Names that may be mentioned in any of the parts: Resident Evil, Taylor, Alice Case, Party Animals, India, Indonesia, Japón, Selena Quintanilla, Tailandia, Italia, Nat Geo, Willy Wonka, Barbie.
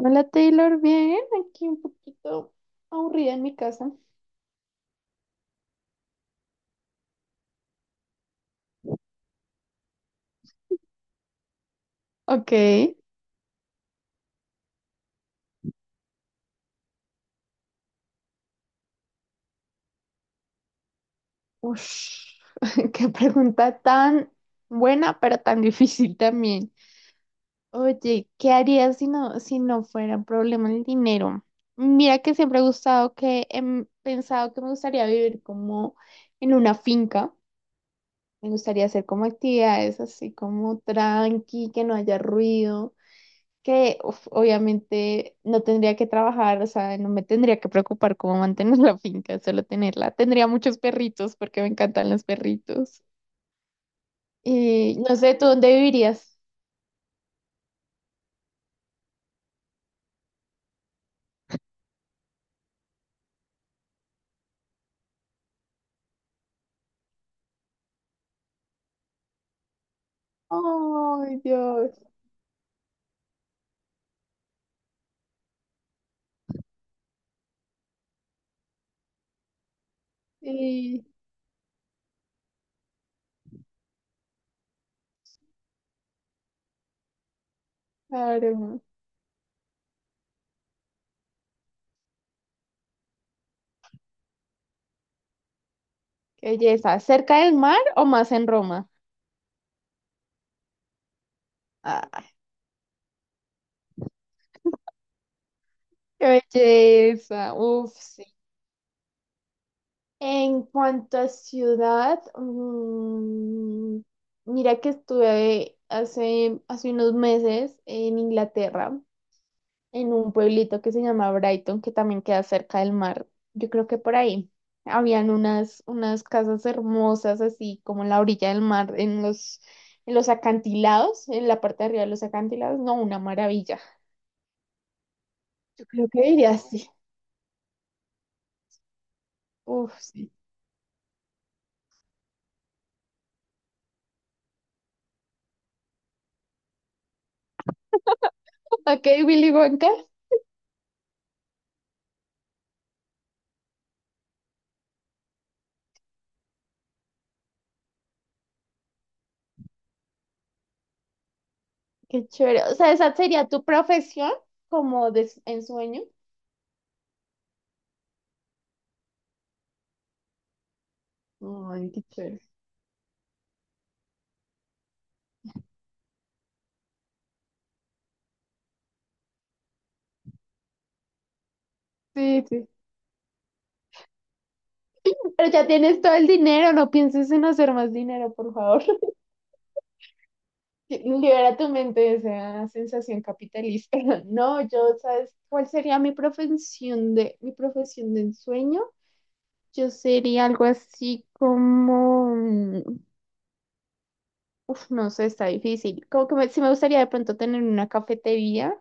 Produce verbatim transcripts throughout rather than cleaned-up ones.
Hola Taylor, bien, aquí un poquito aburrida en mi casa. Ok. Ush, qué pregunta tan buena, pero tan difícil también. Oye, ¿qué harías si no, si no fuera problema el dinero? Mira que siempre he gustado que he m- pensado que me gustaría vivir como en una finca. Me gustaría hacer como actividades así como tranqui, que no haya ruido que uf, obviamente no tendría que trabajar, o sea, no me tendría que preocupar cómo mantener la finca, solo tenerla. Tendría muchos perritos porque me encantan los perritos. Y no sé, ¿tú dónde vivirías? Ay, Dios. Sí, claro. Qué belleza. ¿Cerca del mar o más en Roma? Ah, qué belleza. Uf, sí. En cuanto a ciudad, mm, mira que estuve hace, hace unos meses en Inglaterra, en un pueblito que se llama Brighton, que también queda cerca del mar. Yo creo que por ahí habían unas, unas casas hermosas, así como en la orilla del mar, en los, en los acantilados, en la parte de arriba de los acantilados. No, una maravilla. Yo creo que diría así. Uf, sí. Ok, Willy Wonka. Qué chévere. O sea, esa sería tu profesión como de ensueño. Ay, qué chévere. Sí, sí. Pero ya tienes todo el dinero, no pienses en hacer más dinero, por favor. Libera tu mente de esa sensación capitalista. No, yo, ¿sabes cuál sería mi profesión de mi profesión de ensueño? Yo sería algo así como, mm, uf, no sé, está difícil. Como que me, sí me gustaría de pronto tener una cafetería,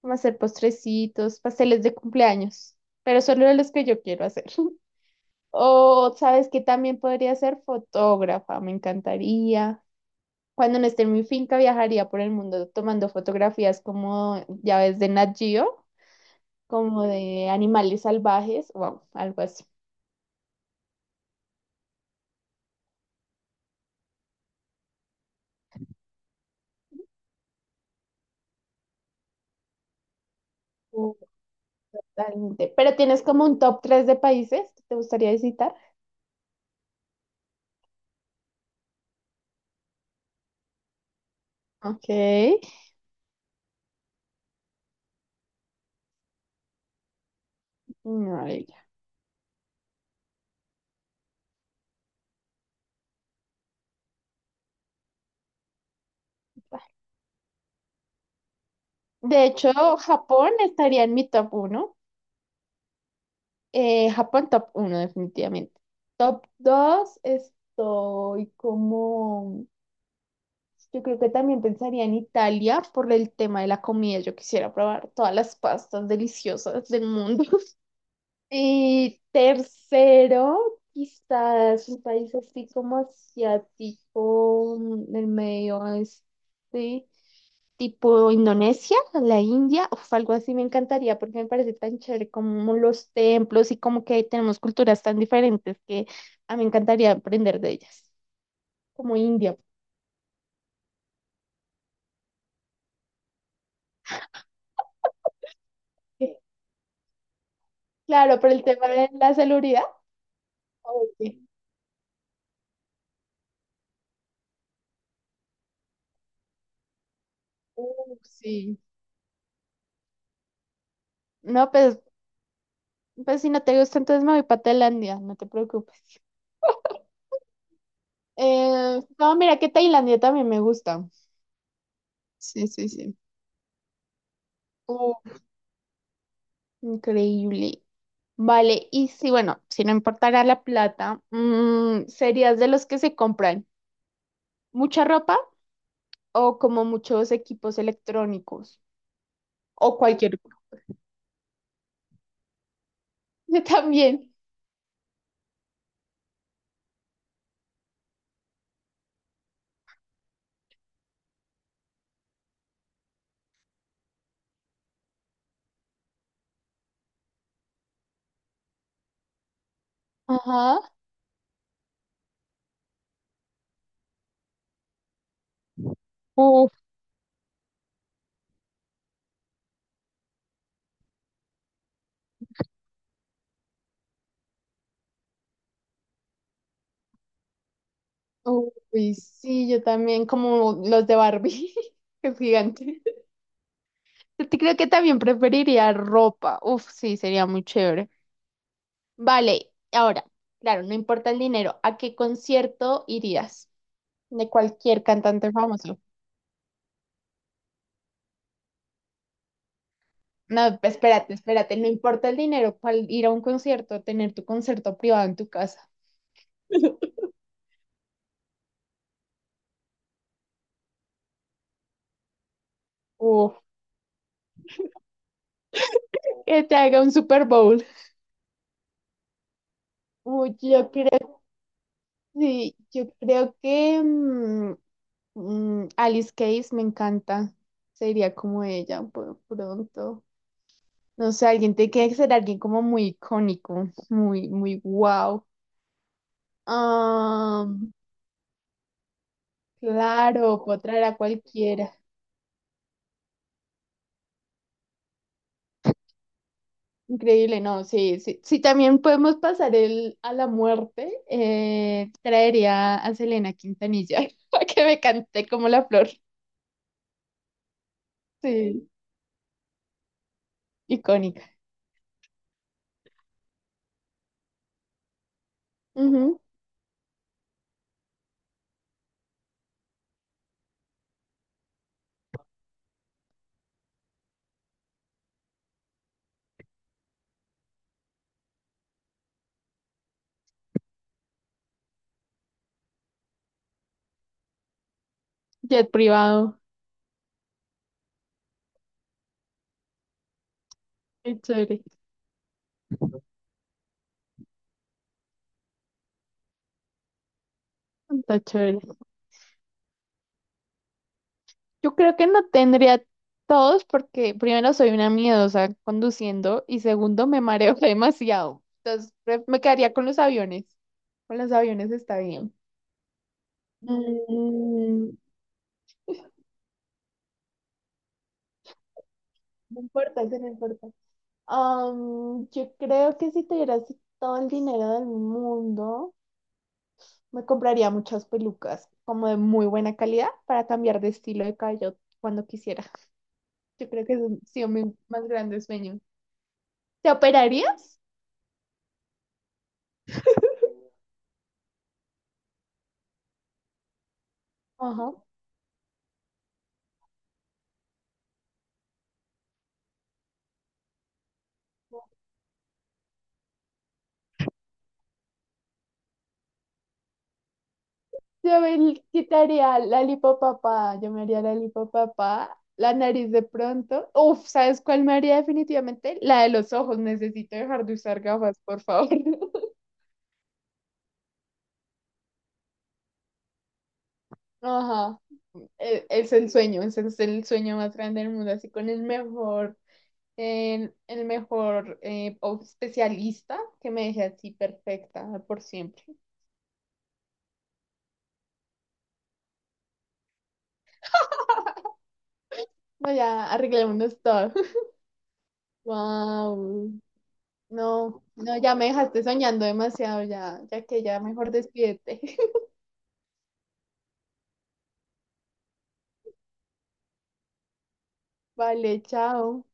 como hacer postrecitos, pasteles de cumpleaños, pero solo de los que yo quiero hacer. O, ¿sabes que también podría ser fotógrafa? Me encantaría. Cuando no esté en mi finca, viajaría por el mundo tomando fotografías como ya ves de Nat Geo, como de animales salvajes, wow, algo así. Totalmente. Pero tienes como un top tres de países que te gustaría visitar. Ok. No, ahí ya está. De hecho, Japón estaría en mi top uno. Eh, Japón top uno definitivamente. Top dos estoy como... Yo creo que también pensaría en Italia por el tema de la comida. Yo quisiera probar todas las pastas deliciosas del mundo. Y tercero, quizás un país así como asiático, mm, del medio oeste, tipo Indonesia, la India, uf, algo así me encantaría porque me parece tan chévere como los templos y como que tenemos culturas tan diferentes que a mí me encantaría aprender de ellas, como India. Porque, claro, por el tema de la seguridad. Oye, uh, sí. No, pues, pues si no te gusta, entonces me voy para Tailandia, no te preocupes. Eh, no, mira que Tailandia también me gusta. Sí, sí, sí. Uh, increíble. Vale, y si, bueno, si no importara la plata, mm, ¿serías de los que se compran mucha ropa o como muchos equipos electrónicos? O cualquier cosa. Yo también. Ajá. Uf, uy, sí, yo también, como los de Barbie, que es gigante. Yo te creo que también preferiría ropa. Uf, sí, sería muy chévere. Vale, ahora, claro, no importa el dinero, ¿a qué concierto irías? De cualquier cantante famoso. No, espérate, espérate, no importa el dinero, ¿cuál, ir a un concierto, tener tu concierto privado en tu casa? Uf, que te haga un Super Bowl. Uy, yo creo, sí, yo creo que mm, mm, Alice Case me encanta. Sería como ella por- pronto. No sé, alguien tiene que ser alguien como muy icónico, muy, muy wow. Ah, claro, puedo traer a cualquiera. Increíble, no, sí, sí. Si también podemos pasar el, a la muerte, eh, traería a Selena Quintanilla para que me cante Como La Flor. Sí, icónica. Ujú. Jet privado, qué chévere, está chévere. Yo creo que no tendría todos porque primero soy una miedosa conduciendo y segundo me mareo demasiado. Entonces pre- me quedaría con los aviones. Con los aviones está bien. Mm, no importa, sí, no importa. Am, yo creo que si tuviera así todo el dinero del mundo, me compraría muchas pelucas como de muy buena calidad para cambiar de estilo de cabello cuando quisiera. Yo creo que es un- sí, mi más grande sueño. ¿Te operarías? Ajá. Yo me quitaría la lipopapá, yo me haría la lipopapá, la nariz de pronto. Uf, ¿sabes cuál me haría definitivamente? La de los ojos, necesito dejar de usar gafas, por favor. Ajá, e- es el sueño, ese es el sueño más grande del mundo, así con el mejor, el, el mejor eh, o- especialista que me deje así perfecta por siempre. Bueno, ya arreglémonos todo. Wow. No, no, ya me dejaste soñando demasiado, ya, ya que ya mejor despídete. Vale, chao.